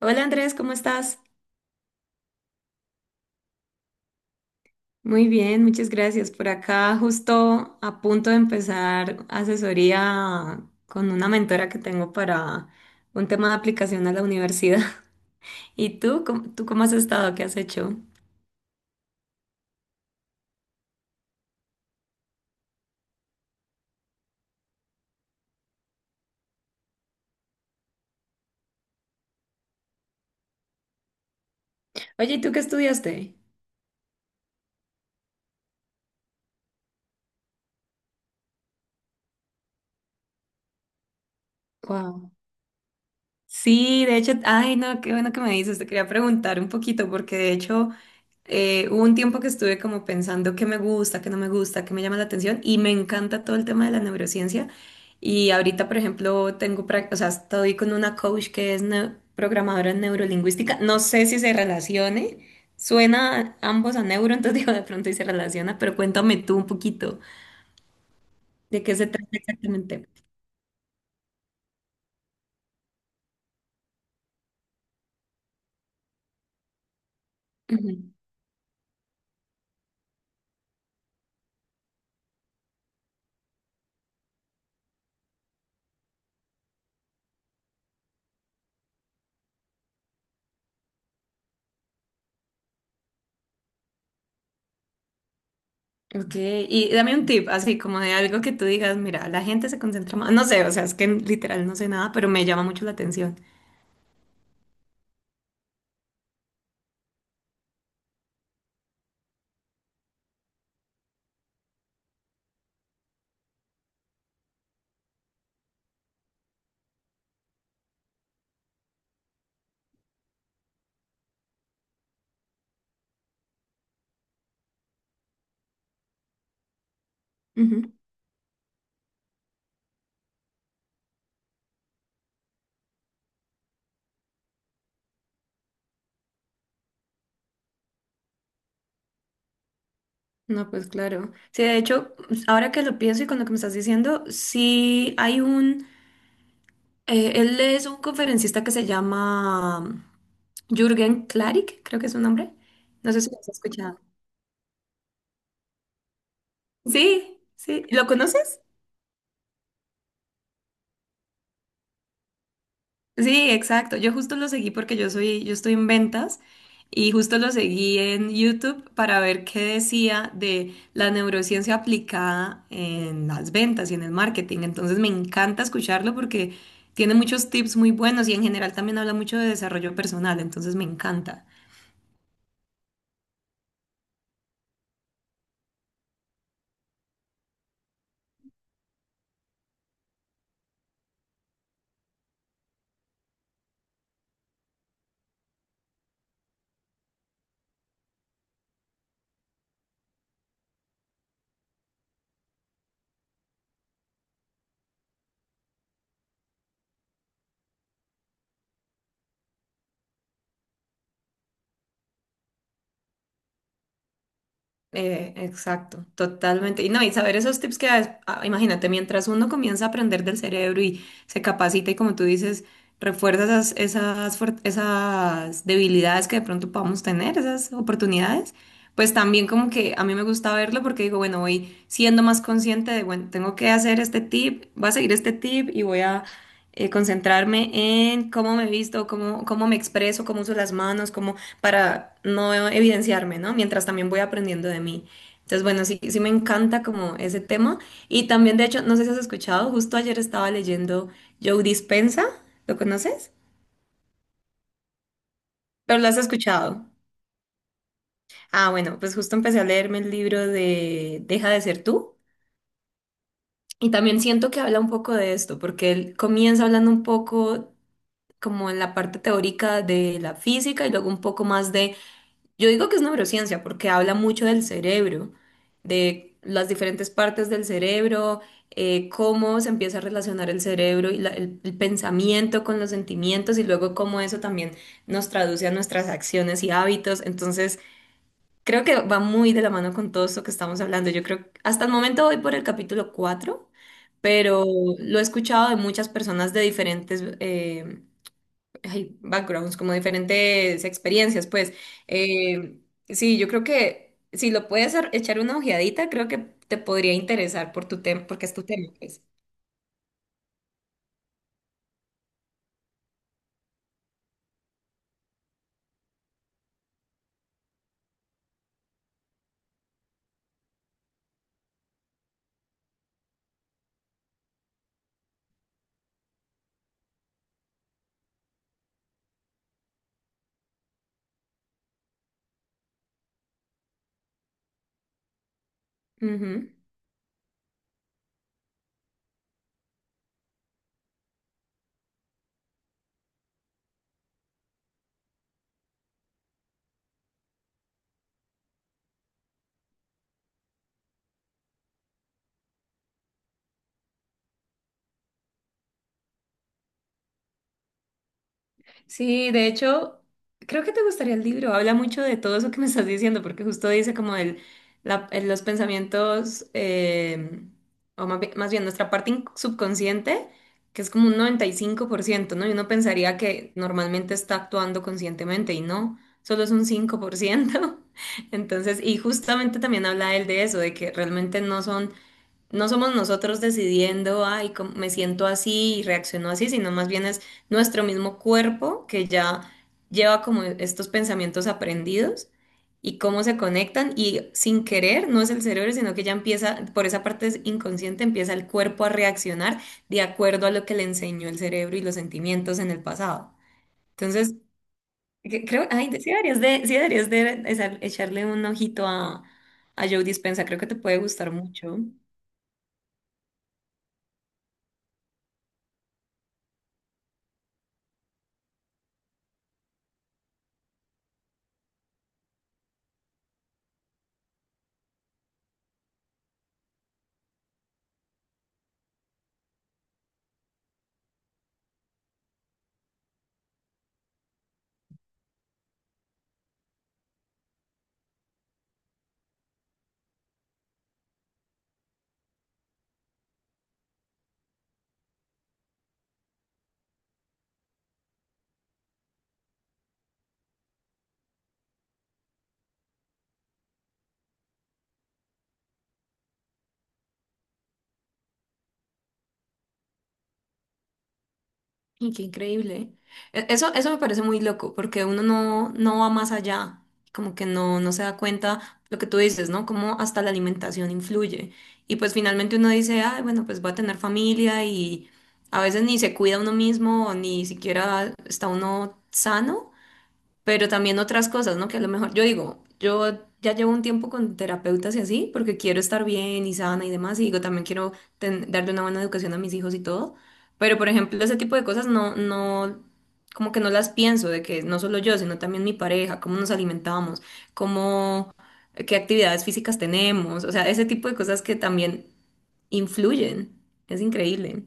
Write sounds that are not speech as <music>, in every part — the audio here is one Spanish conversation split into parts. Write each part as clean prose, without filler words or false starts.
Hola Andrés, ¿cómo estás? Muy bien, muchas gracias. Por acá justo a punto de empezar asesoría con una mentora que tengo para un tema de aplicación a la universidad. <laughs> ¿Y tú? ¿Tú cómo has estado? ¿Qué has hecho? Oye, ¿y tú qué estudiaste? Wow. Sí, de hecho, ay, no, qué bueno que me dices. Te quería preguntar un poquito porque de hecho hubo un tiempo que estuve como pensando qué me gusta, qué no me gusta, qué me llama la atención y me encanta todo el tema de la neurociencia. Y ahorita, por ejemplo, o sea, estoy con una coach que es programadora en neurolingüística. No sé si se relacione. Suena ambos a neuro, entonces <laughs> digo de pronto y se relaciona, pero cuéntame tú un poquito de qué se trata exactamente. Ujú. Ok, y dame un tip, así como de algo que tú digas, mira, la gente se concentra más, no sé, o sea, es que literal no sé nada, pero me llama mucho la atención. No, pues claro. Sí, de hecho, ahora que lo pienso y con lo que me estás diciendo, sí hay un... él es un conferencista que se llama Jürgen Klarik, creo que es su nombre. No sé si lo has escuchado. Sí, sí. ¿Lo conoces? Sí, exacto. Yo justo lo seguí porque yo soy, yo estoy en ventas y justo lo seguí en YouTube para ver qué decía de la neurociencia aplicada en las ventas y en el marketing. Entonces me encanta escucharlo porque tiene muchos tips muy buenos y en general también habla mucho de desarrollo personal, entonces me encanta. Exacto, totalmente. Y no, y saber esos tips que das, ah, imagínate, mientras uno comienza a aprender del cerebro y se capacita y como tú dices, refuerza esas debilidades que de pronto podamos tener, esas oportunidades, pues también como que a mí me gusta verlo porque digo, bueno, voy siendo más consciente de, bueno, tengo que hacer este tip, voy a seguir este tip y voy a concentrarme en cómo me visto, cómo, cómo me expreso, cómo uso las manos, cómo para no evidenciarme, ¿no? Mientras también voy aprendiendo de mí. Entonces, bueno, sí, sí me encanta como ese tema. Y también, de hecho, no sé si has escuchado, justo ayer estaba leyendo Joe Dispenza, ¿lo conoces? Pero lo has escuchado. Ah, bueno, pues justo empecé a leerme el libro de Deja de ser tú. Y también siento que habla un poco de esto, porque él comienza hablando un poco como en la parte teórica de la física y luego un poco más de... Yo digo que es neurociencia porque habla mucho del cerebro, de las diferentes partes del cerebro, cómo se empieza a relacionar el cerebro y el pensamiento con los sentimientos y luego cómo eso también nos traduce a nuestras acciones y hábitos. Entonces, creo que va muy de la mano con todo esto que estamos hablando. Yo creo que hasta el momento voy por el capítulo 4, pero lo he escuchado de muchas personas de diferentes hay backgrounds, como diferentes experiencias, pues. Eh, sí, yo creo que si lo puedes echar una ojeadita, creo que te podría interesar por tu tema, porque es tu tema, pues. Ujú. Sí, de hecho, creo que te gustaría el libro. Habla mucho de todo eso que me estás diciendo, porque justo dice como los pensamientos, o más bien, nuestra parte subconsciente, que es como un 95%, ¿no? Y uno pensaría que normalmente está actuando conscientemente y no, solo es un 5%. <laughs> Entonces, y justamente también habla él de eso, de que realmente no son... No somos nosotros decidiendo, ay, cómo- me siento así y reacciono así, sino más bien es nuestro mismo cuerpo que ya lleva como estos pensamientos aprendidos y cómo se conectan y sin querer, no es el cerebro, sino que ya empieza, por esa parte es inconsciente, empieza el cuerpo a reaccionar de acuerdo a lo que le enseñó el cerebro y los sentimientos en el pasado. Entonces, creo, ay, sí echarle un ojito a Joe Dispenza, creo que te puede gustar mucho. Y qué increíble. Eso, eso me parece muy loco, porque uno no, no va más allá, como que no, no se da cuenta lo que tú dices, ¿no? Cómo hasta la alimentación influye. Y pues finalmente uno dice, ay, bueno, pues va a tener familia y a veces ni se cuida uno mismo, ni siquiera está uno sano, pero también otras cosas, ¿no? Que a lo mejor, yo digo, yo ya llevo un tiempo con terapeutas y así, porque quiero estar bien y sana y demás, y digo, también quiero darle una buena educación a mis hijos y todo, pero por ejemplo, ese tipo de cosas no, no, como que no las pienso, de que no solo yo, sino también mi pareja, cómo nos alimentamos, cómo, qué actividades físicas tenemos, o sea, ese tipo de cosas que también influyen, es increíble.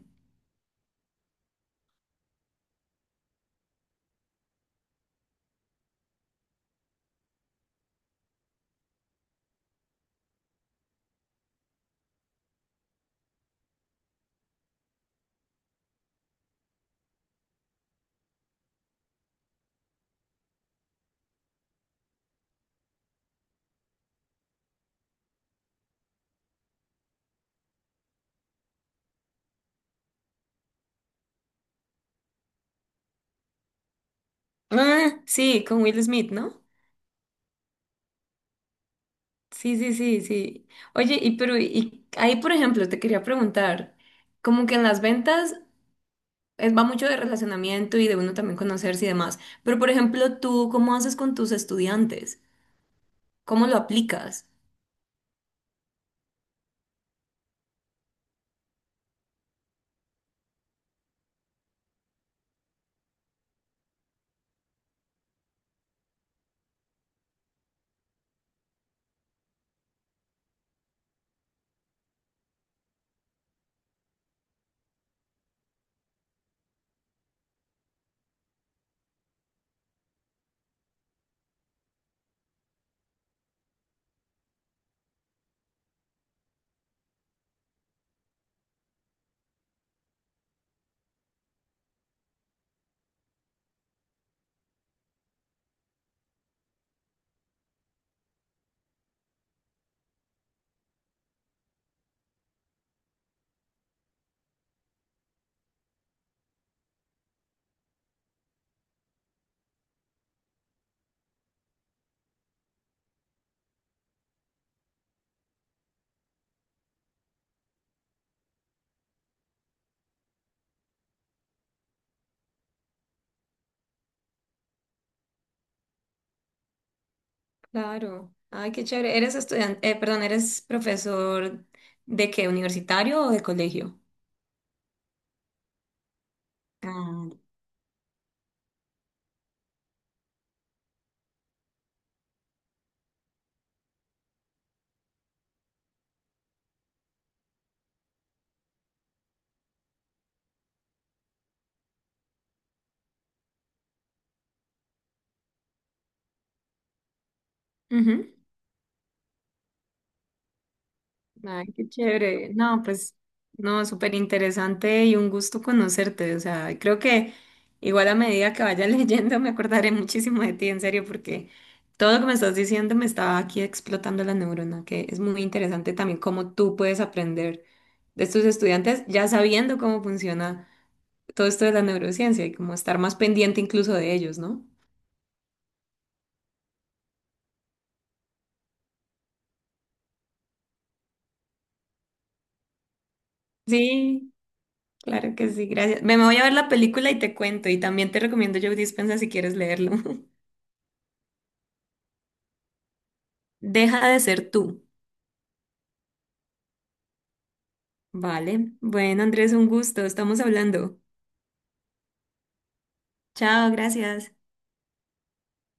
Ah, sí, con Will Smith, ¿no? Sí, sí, sí, sí. Oye, y pero y ahí, por ejemplo, te quería preguntar, como que en las ventas va mucho de relacionamiento y de uno también conocerse y demás, pero por ejemplo, tú, ¿cómo haces con tus estudiantes? ¿Cómo lo aplicas? Claro. Ay, qué chévere. ¿Eres perdón, eres profesor de qué, universitario o de colegio? Ah, ujú. Ay, qué chévere. No, pues, no, súper interesante y un gusto conocerte. O sea, creo que igual a medida que vaya <laughs> leyendo me acordaré muchísimo de ti, en serio, porque todo lo que me estás diciendo me estaba aquí explotando la neurona, que es muy interesante también cómo tú puedes aprender de tus estudiantes ya sabiendo cómo funciona todo esto de la neurociencia y cómo estar más pendiente incluso de ellos, ¿no? Sí, claro que sí, gracias. Me voy a ver la película y te cuento, y también te recomiendo Joe Dispenza si quieres leerlo. <laughs> Deja de ser tú. Vale. Bueno, Andrés, un gusto. Estamos hablando. Chao, gracias.